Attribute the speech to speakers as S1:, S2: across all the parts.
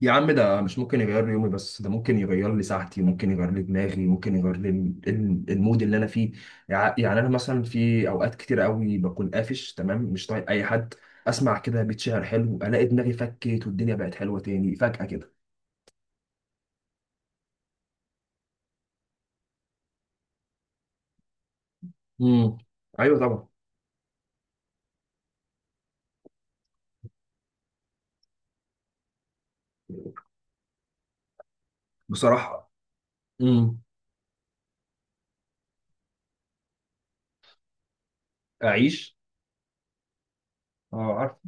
S1: يا عم، ده مش ممكن يغير لي يومي، بس ده ممكن يغير لي ساعتي، ممكن يغير لي دماغي، ممكن يغير لي المود اللي انا فيه. يعني انا مثلا في اوقات كتير قوي بكون قافش تمام، مش طايق اي حد. اسمع كده بيت شعر حلو، الاقي دماغي فكت والدنيا بقت حلوه تاني فجأة كده. امم. ايوه، طبعا. بصراحه. امم. اعيش. اه.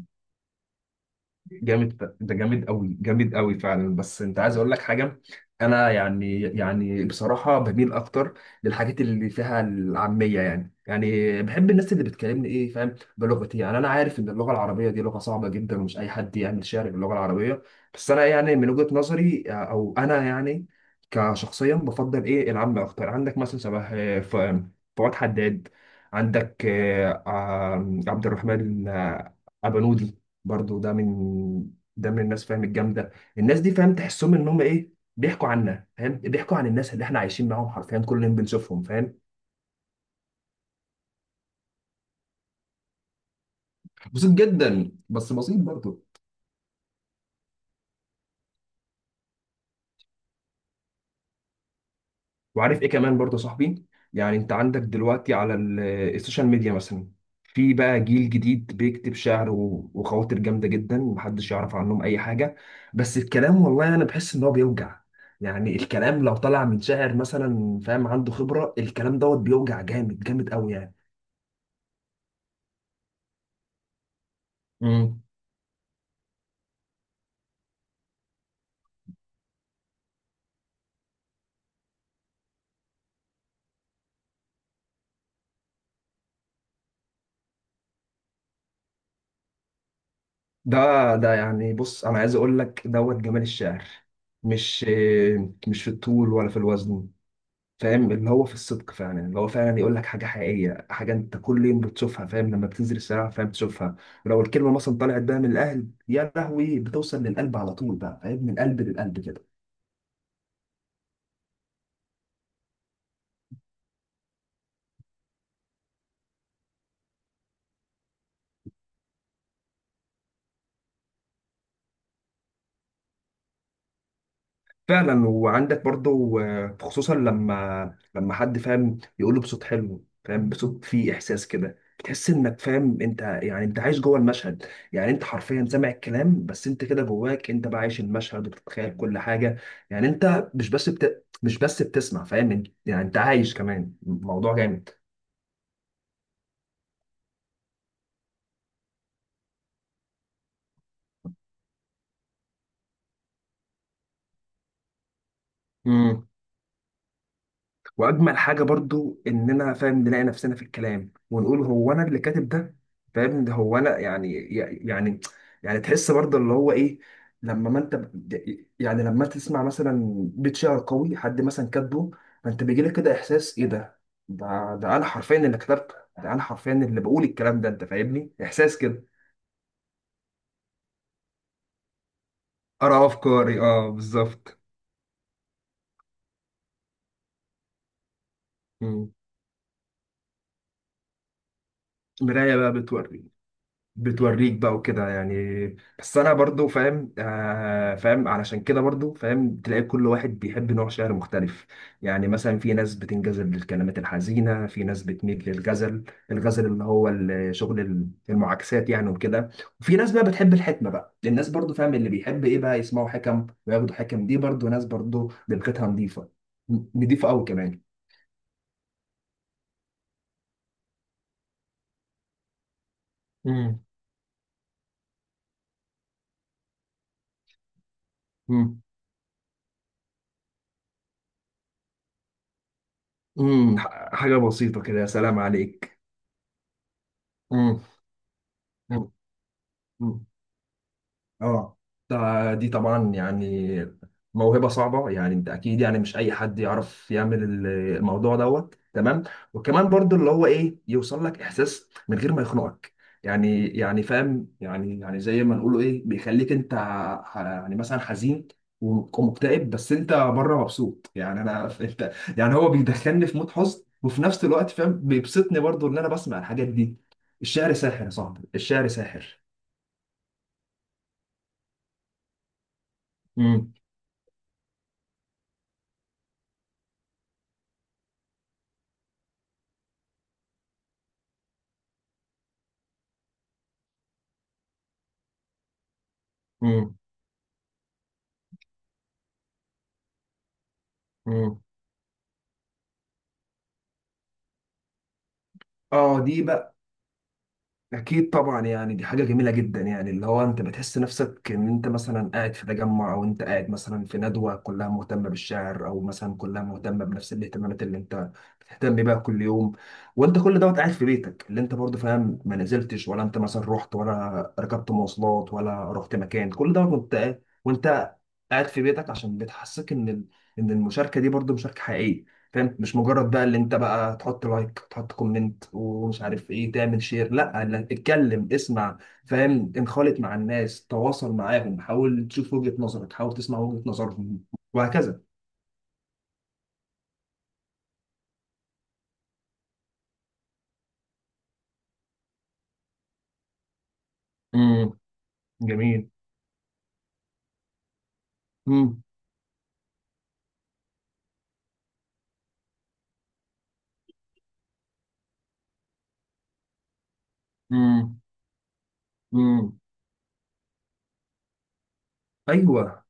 S1: جامد. ده جامد قوي، جامد قوي فعلا، بس انت عايز اقول لك حاجه. انا يعني بصراحه بميل اكتر للحاجات اللي فيها العاميه. يعني بحب الناس اللي بتكلمني، ايه فاهم، بلغتي. يعني انا عارف ان اللغه العربيه دي لغه صعبه جدا، ومش اي حد يعمل شعر باللغه العربيه. بس انا يعني من وجهه نظري، او انا يعني كشخصيا بفضل ايه العام اكتر. عندك مثلا شبه فؤاد حداد. عندك عبد الرحمن ابنود. برضو ده من الناس فاهم الجامده. الناس دي، فاهم، تحسهم ان هم، ايه، بيحكوا عنا، فاهم، بيحكوا عن الناس اللي احنا عايشين معاهم حرفيا كل يوم بنشوفهم، فاهم. بسيط جدا، بس بسيط برضو. وعارف ايه كمان برضو يا صاحبي؟ يعني انت عندك دلوقتي على السوشيال ميديا مثلا، في بقى جيل جديد بيكتب شعر و- وخواطر جامده جدا، محدش يعرف عنهم اي حاجه. بس الكلام، والله انا بحس ان هو بيوجع. يعني الكلام لو طلع من شاعر مثلا، فاهم، عنده خبره، الكلام دوت بيوجع جامد، جامد قوي يعني. مم. ده ده يعني، بص، انا عايز اقول لك دوت جمال الشعر مش مش في الطول ولا في الوزن، فاهم، اللي هو في الصدق فعلا، اللي هو فعلا يقول لك حاجه حقيقيه، حاجه انت كل يوم بتشوفها فاهم، لما بتنزل الشارع فاهم بتشوفها. لو الكلمه مثلا طلعت بقى من القلب، يا لهوي، بتوصل للقلب على طول بقى، فاهم، من قلب للقلب كده. فعلا. وعندك برضو، خصوصا لما حد فاهم يقوله بصوت حلو، فاهم، بصوت فيه احساس كده، بتحس انك فاهم، انت يعني، انت عايش جوه المشهد. يعني انت حرفيا سامع الكلام، بس انت كده جواك انت بقى عايش المشهد وبتتخيل كل حاجه. يعني انت مش بس بتسمع، فاهم، يعني انت عايش كمان الموضوع. جامد. واجمل حاجه برضو اننا، فاهم، نلاقي نفسنا في الكلام ونقول هو انا اللي كاتب ده؟ فاهم، ده هو انا يعني، يعني يعني تحس برضو اللي هو ايه. لما ما انت يعني لما تسمع مثلا بيت شعر قوي حد مثلا كاتبه، فانت بيجي لك كده احساس: ايه ده؟ ده انا حرفيا اللي كتبته، ده انا حرفيا اللي بقول الكلام ده. انت فاهمني؟ احساس كده. ارى افكاري، اه، بالظبط. مم. مرايه بقى، بتوريك بقى وكده يعني. بس انا برضو فاهم، فاهم، علشان كده برضو فاهم تلاقي كل واحد بيحب نوع شعر مختلف. يعني مثلا في ناس بتنجذب للكلمات الحزينة، في ناس بتميل للغزل. الغزل اللي هو شغل المعاكسات يعني وكده. وفي ناس بقى بتحب الحكمة، بقى الناس برضو، فاهم، اللي بيحب ايه بقى يسمعوا حكم وياخدوا حكم، دي برضو ناس برضو دماغها نظيفة. نظيفة قوي كمان. امم امم حاجة بسيطة كده، يا سلام عليك. امم اه دي طبعا يعني موهبة صعبة، يعني انت اكيد يعني مش اي حد يعرف يعمل الموضوع دوت تمام. وكمان برضو اللي هو ايه، يوصل لك احساس من غير ما يخنقك. يعني فاهم، يعني زي ما نقوله ايه، بيخليك انت يعني مثلا حزين ومكتئب، بس انت بره مبسوط يعني، انا انت يعني هو بيدخلني في مود حزن، وفي نفس الوقت فاهم بيبسطني برضو ان انا بسمع الحاجات دي. الشعر ساحر يا صاحبي، الشعر ساحر. امم. امم. اه دي بقى اكيد طبعا يعني، دي حاجه جميله جدا، يعني اللي هو انت بتحس نفسك ان انت مثلا قاعد في تجمع، او انت قاعد مثلا في ندوه كلها مهتمه بالشعر، او مثلا كلها مهتمه بنفس الاهتمامات اللي انت بتهتم بيها كل يوم، وانت كل دوت قاعد في بيتك، اللي انت برضه، فاهم، ما نزلتش ولا انت مثلا رحت ولا ركبت مواصلات ولا رحت مكان، كل دوت وانت قاعد في بيتك، عشان بتحسك ان ان المشاركه دي برضه مشاركه حقيقيه. فهمت؟ مش مجرد بقى اللي انت بقى تحط لايك، تحط كومنت، ومش عارف ايه، تعمل شير. لا، لا، اتكلم، اسمع. فاهم، انخالط مع الناس، تواصل معاهم، حاول تشوف وجهة نظرك، حاول تسمع وجهة نظرهم، وهكذا. امم. جميل. امم. امم. امم. ايوه،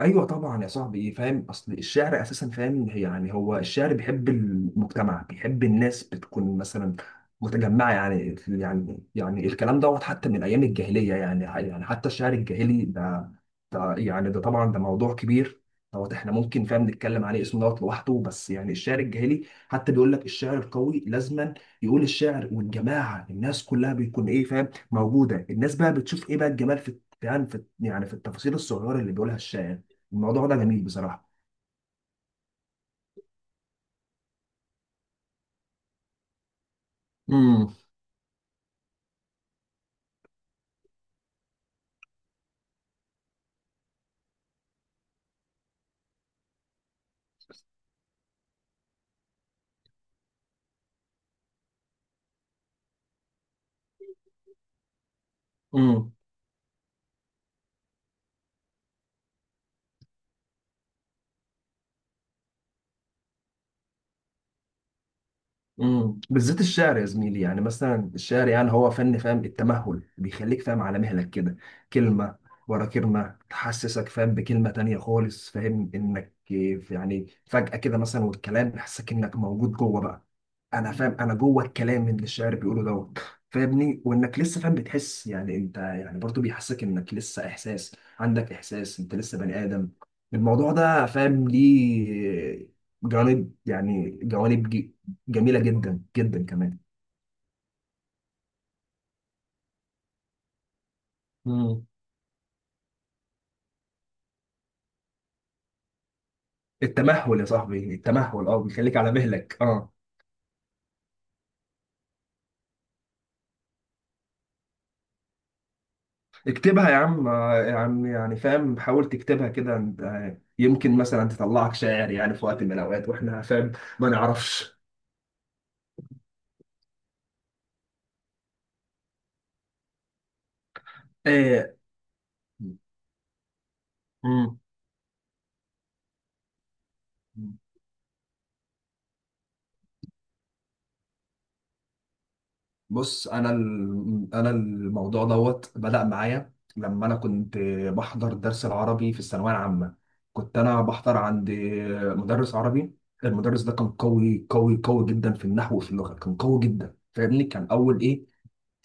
S1: ايوه، طبعا يا صاحبي، ايه فاهم، اصل الشعر اساسا، فاهم، يعني هو الشعر بيحب المجتمع، بيحب الناس بتكون مثلا متجمعه. يعني يعني الكلام دوت حتى من ايام الجاهليه. يعني حتى الشعر الجاهلي ده يعني، ده طبعا، ده موضوع كبير. دوت احنا ممكن، فاهم، نتكلم عليه اسمه دوت لوحده. بس يعني الشعر الجاهلي حتى بيقول لك الشعر القوي لازما يقول الشعر والجماعه الناس كلها بيكون، ايه فاهم، موجوده. الناس بقى بتشوف ايه بقى الجمال في، يعني، في التفاصيل الصغيره اللي بيقولها الشاعر. الموضوع ده جميل بصراحة. امم امم بالذات الشعر يا زميلي، يعني مثلا الشعر، يعني هو فن، فاهم، التمهل، بيخليك فاهم على مهلك كده. كلمة ورا كلمة تحسسك، فاهم، بكلمة تانية خالص، فاهم انك يعني فجأة كده مثلا والكلام يحسسك انك موجود جوه بقى. انا فاهم انا جوه الكلام اللي الشاعر بيقوله دوت، فاهمني، وانك لسه، فاهم بتحس يعني انت يعني، برضو بيحسسك انك لسه احساس، عندك احساس انت لسه بني ادم. الموضوع ده، فاهم، ليه جوانب جميله جدا جدا كمان. مم. التمهل يا صاحبي، التمهل، اه، بيخليك على مهلك، اه. اكتبها يا عم، يا عم، يعني فاهم، حاول تكتبها كده، يمكن مثلا تطلعك شاعر يعني في وقت من الاوقات واحنا فاهم ما نعرفش. آه. مم. بص، انا الموضوع دوت بدأ معايا لما انا كنت بحضر درس العربي في الثانويه العامه. كنت انا بحضر عند مدرس عربي. المدرس ده كان قوي قوي قوي جدا في النحو وفي اللغه، كان قوي جدا، فاهمني، كان اول، ايه،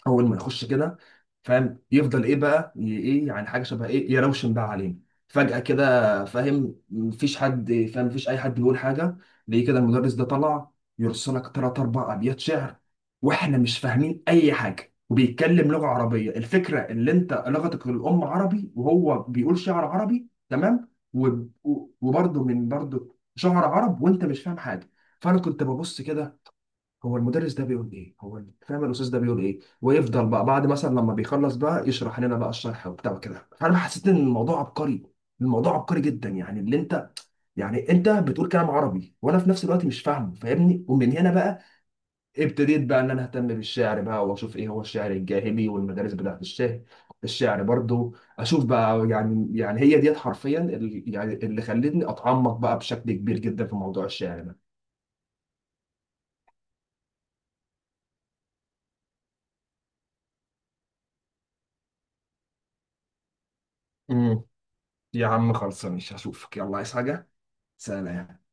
S1: اول ما يخش كده، فاهم، يفضل ايه بقى، ايه يعني، حاجه شبه ايه، يروشن بقى علينا فجاه كده، فاهم. مفيش اي حد بيقول حاجه. ليه كده المدرس ده طلع يرسلك ثلاث اربع ابيات شعر، واحنا مش فاهمين اي حاجه، وبيتكلم لغه عربيه، الفكره اللي انت لغتك الام عربي وهو بيقول شعر عربي تمام. و- و- وبرضه برضه شعر عرب وانت مش فاهم حاجه. فانا كنت ببص كده: هو المدرس ده بيقول ايه؟ هو فاهم، الاستاذ ده بيقول ايه؟ ويفضل بقى بعد مثلا لما بيخلص بقى يشرح لنا بقى الشرح وبتاع كده، فانا حسيت ان الموضوع عبقري. الموضوع عبقري جدا، يعني اللي انت يعني انت بتقول كلام عربي وانا في نفس الوقت مش فاهمه، فاهمني، ومن هنا بقى ابتديت بقى ان انا اهتم بالشعر بقى، واشوف ايه هو الشعر الجاهلي والمدارس بتاعت الشعر. الشعر برضو اشوف بقى، يعني هي ديت حرفيا، اللي خلتني اتعمق بقى بشكل كبير جدا في موضوع الشعر ده. امم. يا عم خلصاني، مش هشوفك؟ يلا، عايز حاجه؟ سلام.